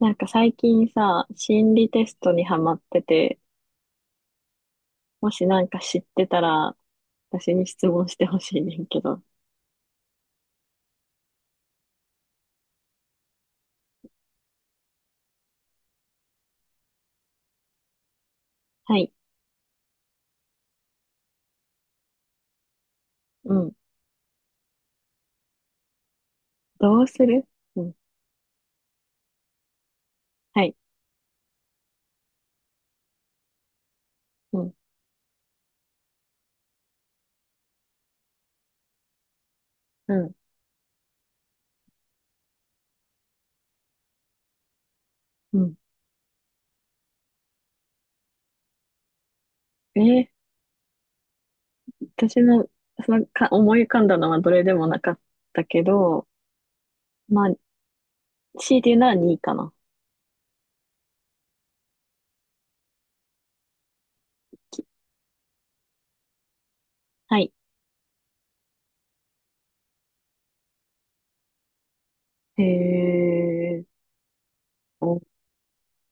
なんか最近さ、心理テストにハマってて、もしなんか知ってたら、私に質問してほしいねんけど。はい。うん。どうする？うん。はい。うん。うん。うん。えー私の、そのか、思い浮かんだのはどれでもなかったけど、まあ、強いて言うなら2いかな。はい。へえ、お、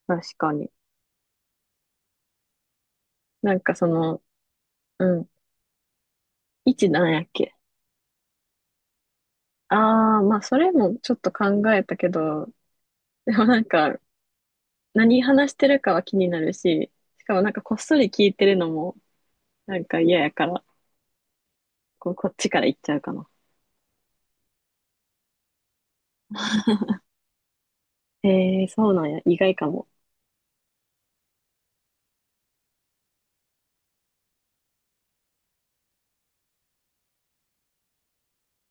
確かに。なんかその、うん。位置なんやっけ？ああー、まあそれもちょっと考えたけど、でもなんか、何話してるかは気になるし、しかもなんかこっそり聞いてるのもなんか嫌やから、こう、こっちから行っちゃうかな。えー、そうなんや。意外かも。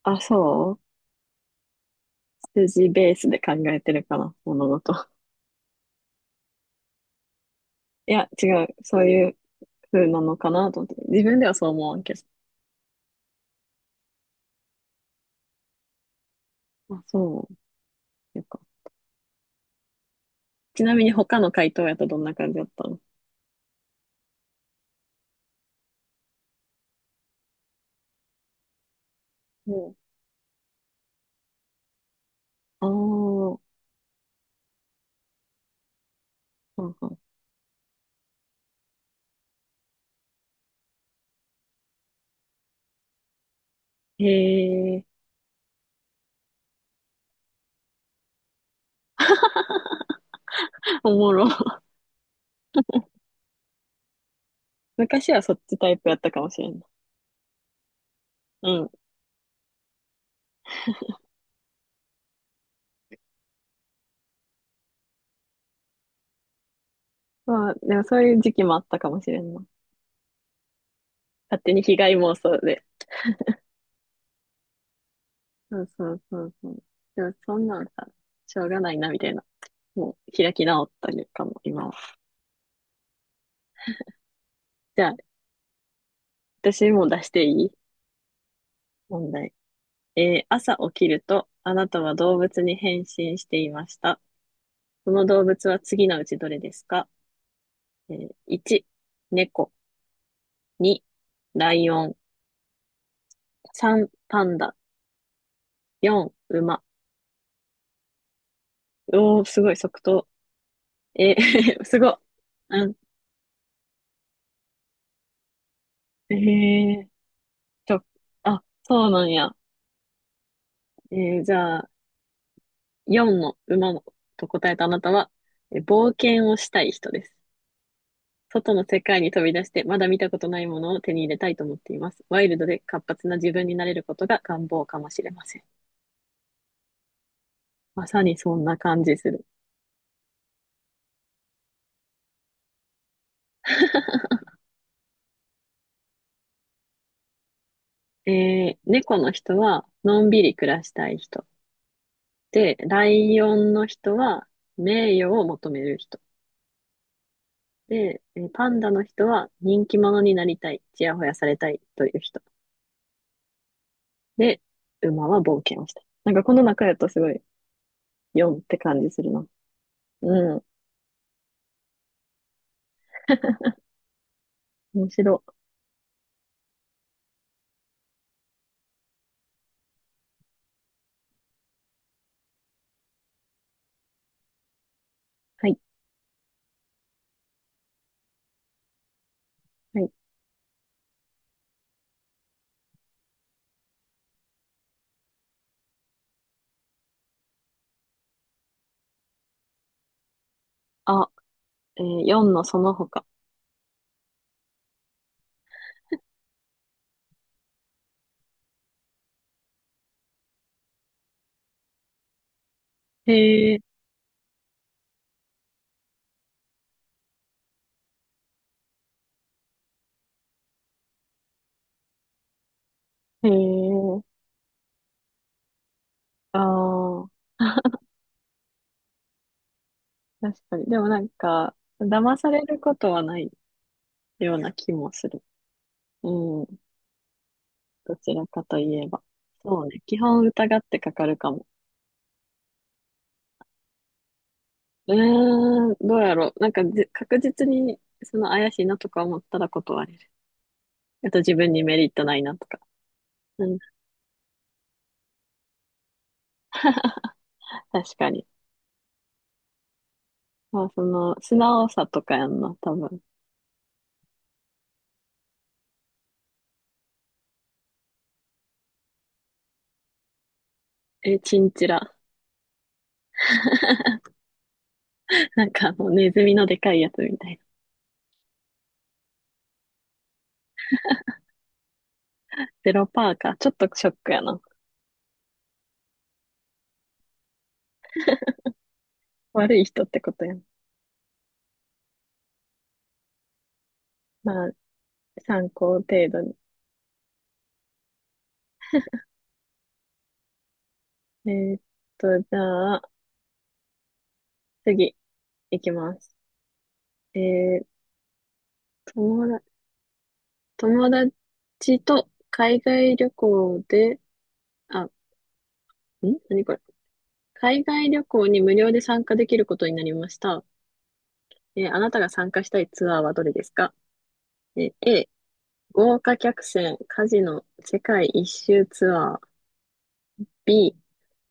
あ、そう。数字ベースで考えてるかな、物事。いや、違う。そういう風なのかなと思って。自分ではそう思わんけど。あ、そう。よか。ちなみに他の回答やとどんな感じだったの？うん。ああ、うんうん。へえ、おもろ。昔はそっちタイプやったかもしれんな。うん。まあ、でもそういう時期もあったかもしれんな。勝手に被害妄想で。そうそうそうそう。でもそんなんさ、しょうがないな、みたいな。もう開き直ったりかも、今は。じゃあ、私も出していい？問題。朝起きると、あなたは動物に変身していました。この動物は次のうちどれですか？1、猫。2、ライオン。3、パンダ。4、馬。おー、すごい、即答。えー すごい。うん。えー、ちょ、あ、そうなんや。えじゃあ、4の馬のと答えたあなたは、冒険をしたい人です。外の世界に飛び出して、まだ見たことないものを手に入れたいと思っています。ワイルドで活発な自分になれることが願望かもしれません。まさにそんな感じする。猫の人は、のんびり暮らしたい人。で、ライオンの人は、名誉を求める人。で、パンダの人は、人気者になりたい、ちやほやされたいという人。で、馬は冒険をした。なんかこの中やとすごい4って感じするな。うん。面白い。はい。はい。あ、えー、4のその他。へえ、へえ、ああ。確かに。でもなんか、騙されることはないような気もする。うん。どちらかといえば。そうね。基本疑ってかかるかも。うーん。どうやろう。なんかじ、確実に、その怪しいなとか思ったら断れる。あと自分にメリットないなとか。うん。確かに。まあ、その、素直さとかやんな、多分。え、チンチラ。なんかもうネズミのでかいやつみたいな。ゼロパーか。ちょっとショックやな。悪い人ってことやん。まあ、参考程度に。えーっじゃあ、次、いきます。えー、友だ、友達と海外旅行で、あ、ん何これ。海外旅行に無料で参加できることになりました。あなたが参加したいツアーはどれですか？A、豪華客船カジノ世界一周ツアー。 B、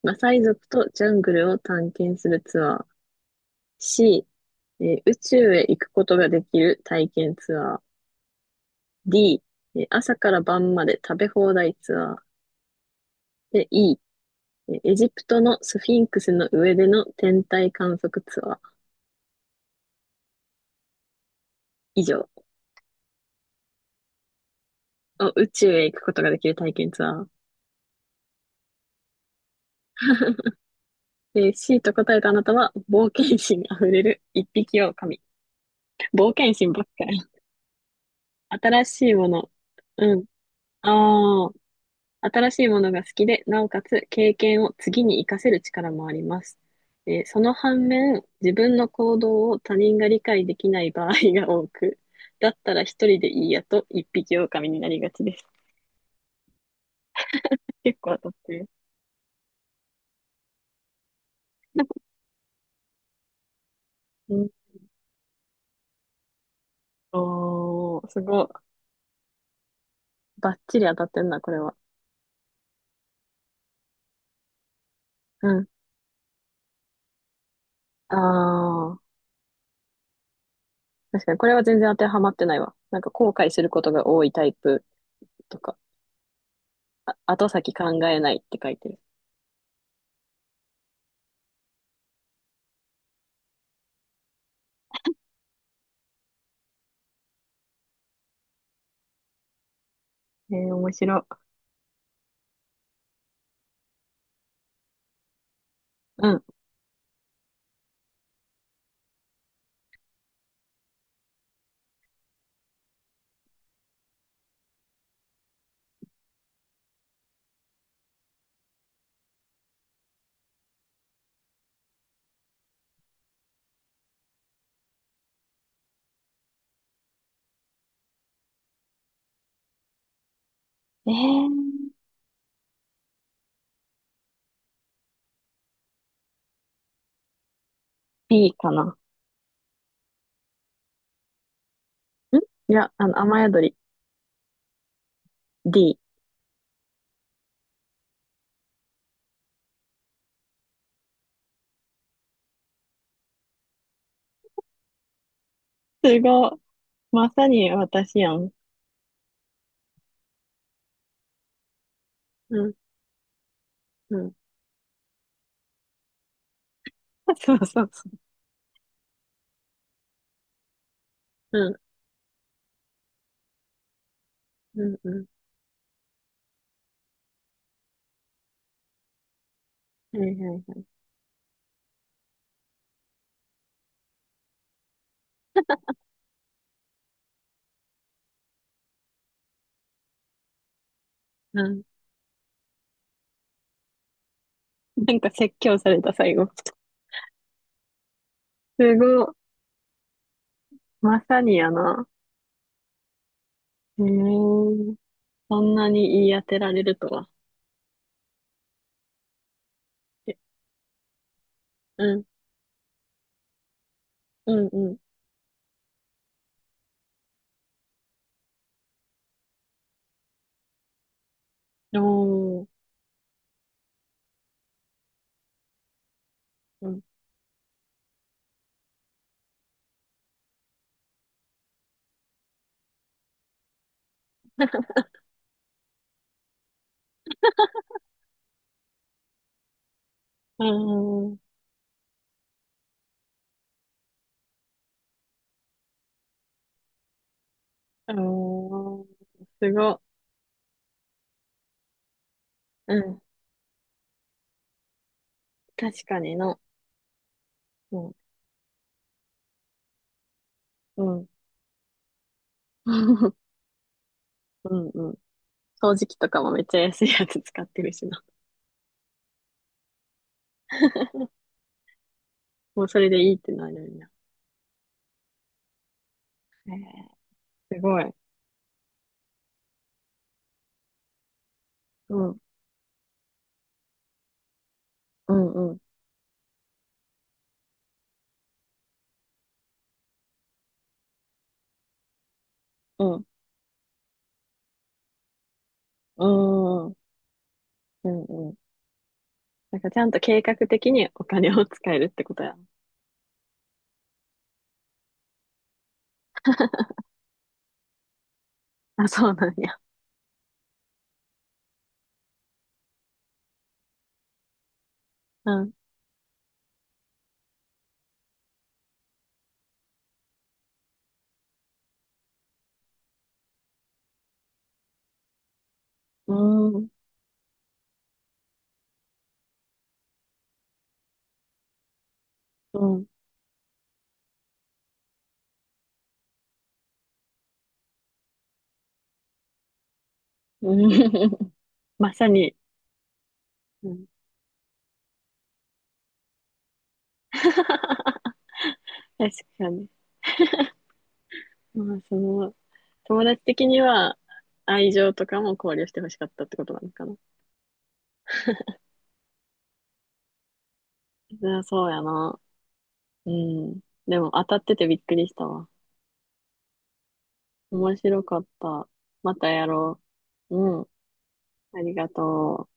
マサイ族とジャングルを探検するツアー。 C、宇宙へ行くことができる体験ツアー。 D、朝から晩まで食べ放題ツアー。で E、エジプトのスフィンクスの上での天体観測ツアー。以上。お、宇宙へ行くことができる体験ツアー。えー C と答えたあなたは、冒険心あふれる一匹狼。冒険心ばっかり。新しいもの。うん。ああ、新しいものが好きで、なおかつ経験を次に活かせる力もあります。その反面、自分の行動を他人が理解できない場合が多く、だったら一人でいいやと一匹狼になりがちです。結構当たってる。うん、おー、すごい。バッチリ当たってんな、これは。うん。ああ、確かにこれは全然当てはまってないわ。なんか後悔することが多いタイプとか、あ、後先考えないって書いてる。えー、面白い。うん。えー、B かな。ん、いや、あの、雨宿り。D。すごい。まさに私やん。うん、うん。そうそうそう。うん、うん、うん。はいはいはい。うん。なんか説教された最後。すごい。まさにやな。えー、そんなに言い当てられるとは。え、うん、うん、うん。おー、うん、うん、うん。おー、すごい。うん。確かにな。うん、うん。うん、うん。掃除機とかもめっちゃ安いやつ使ってるしな。もうそれでいいってなるよな。へえ、すごい。うん、うん、うん、うん、うん、うん、うん。なんかちゃんと計画的にお金を使えるってことや。あ、そうなんや。うん、うん、うん、うん。まさに。うん、確かに。まあ、その、友達的には愛情とかも考慮してほしかったってことなのかな。いやそうやな。うん。でも当たっててびっくりしたわ。面白かった。またやろう。うん。ありがとう。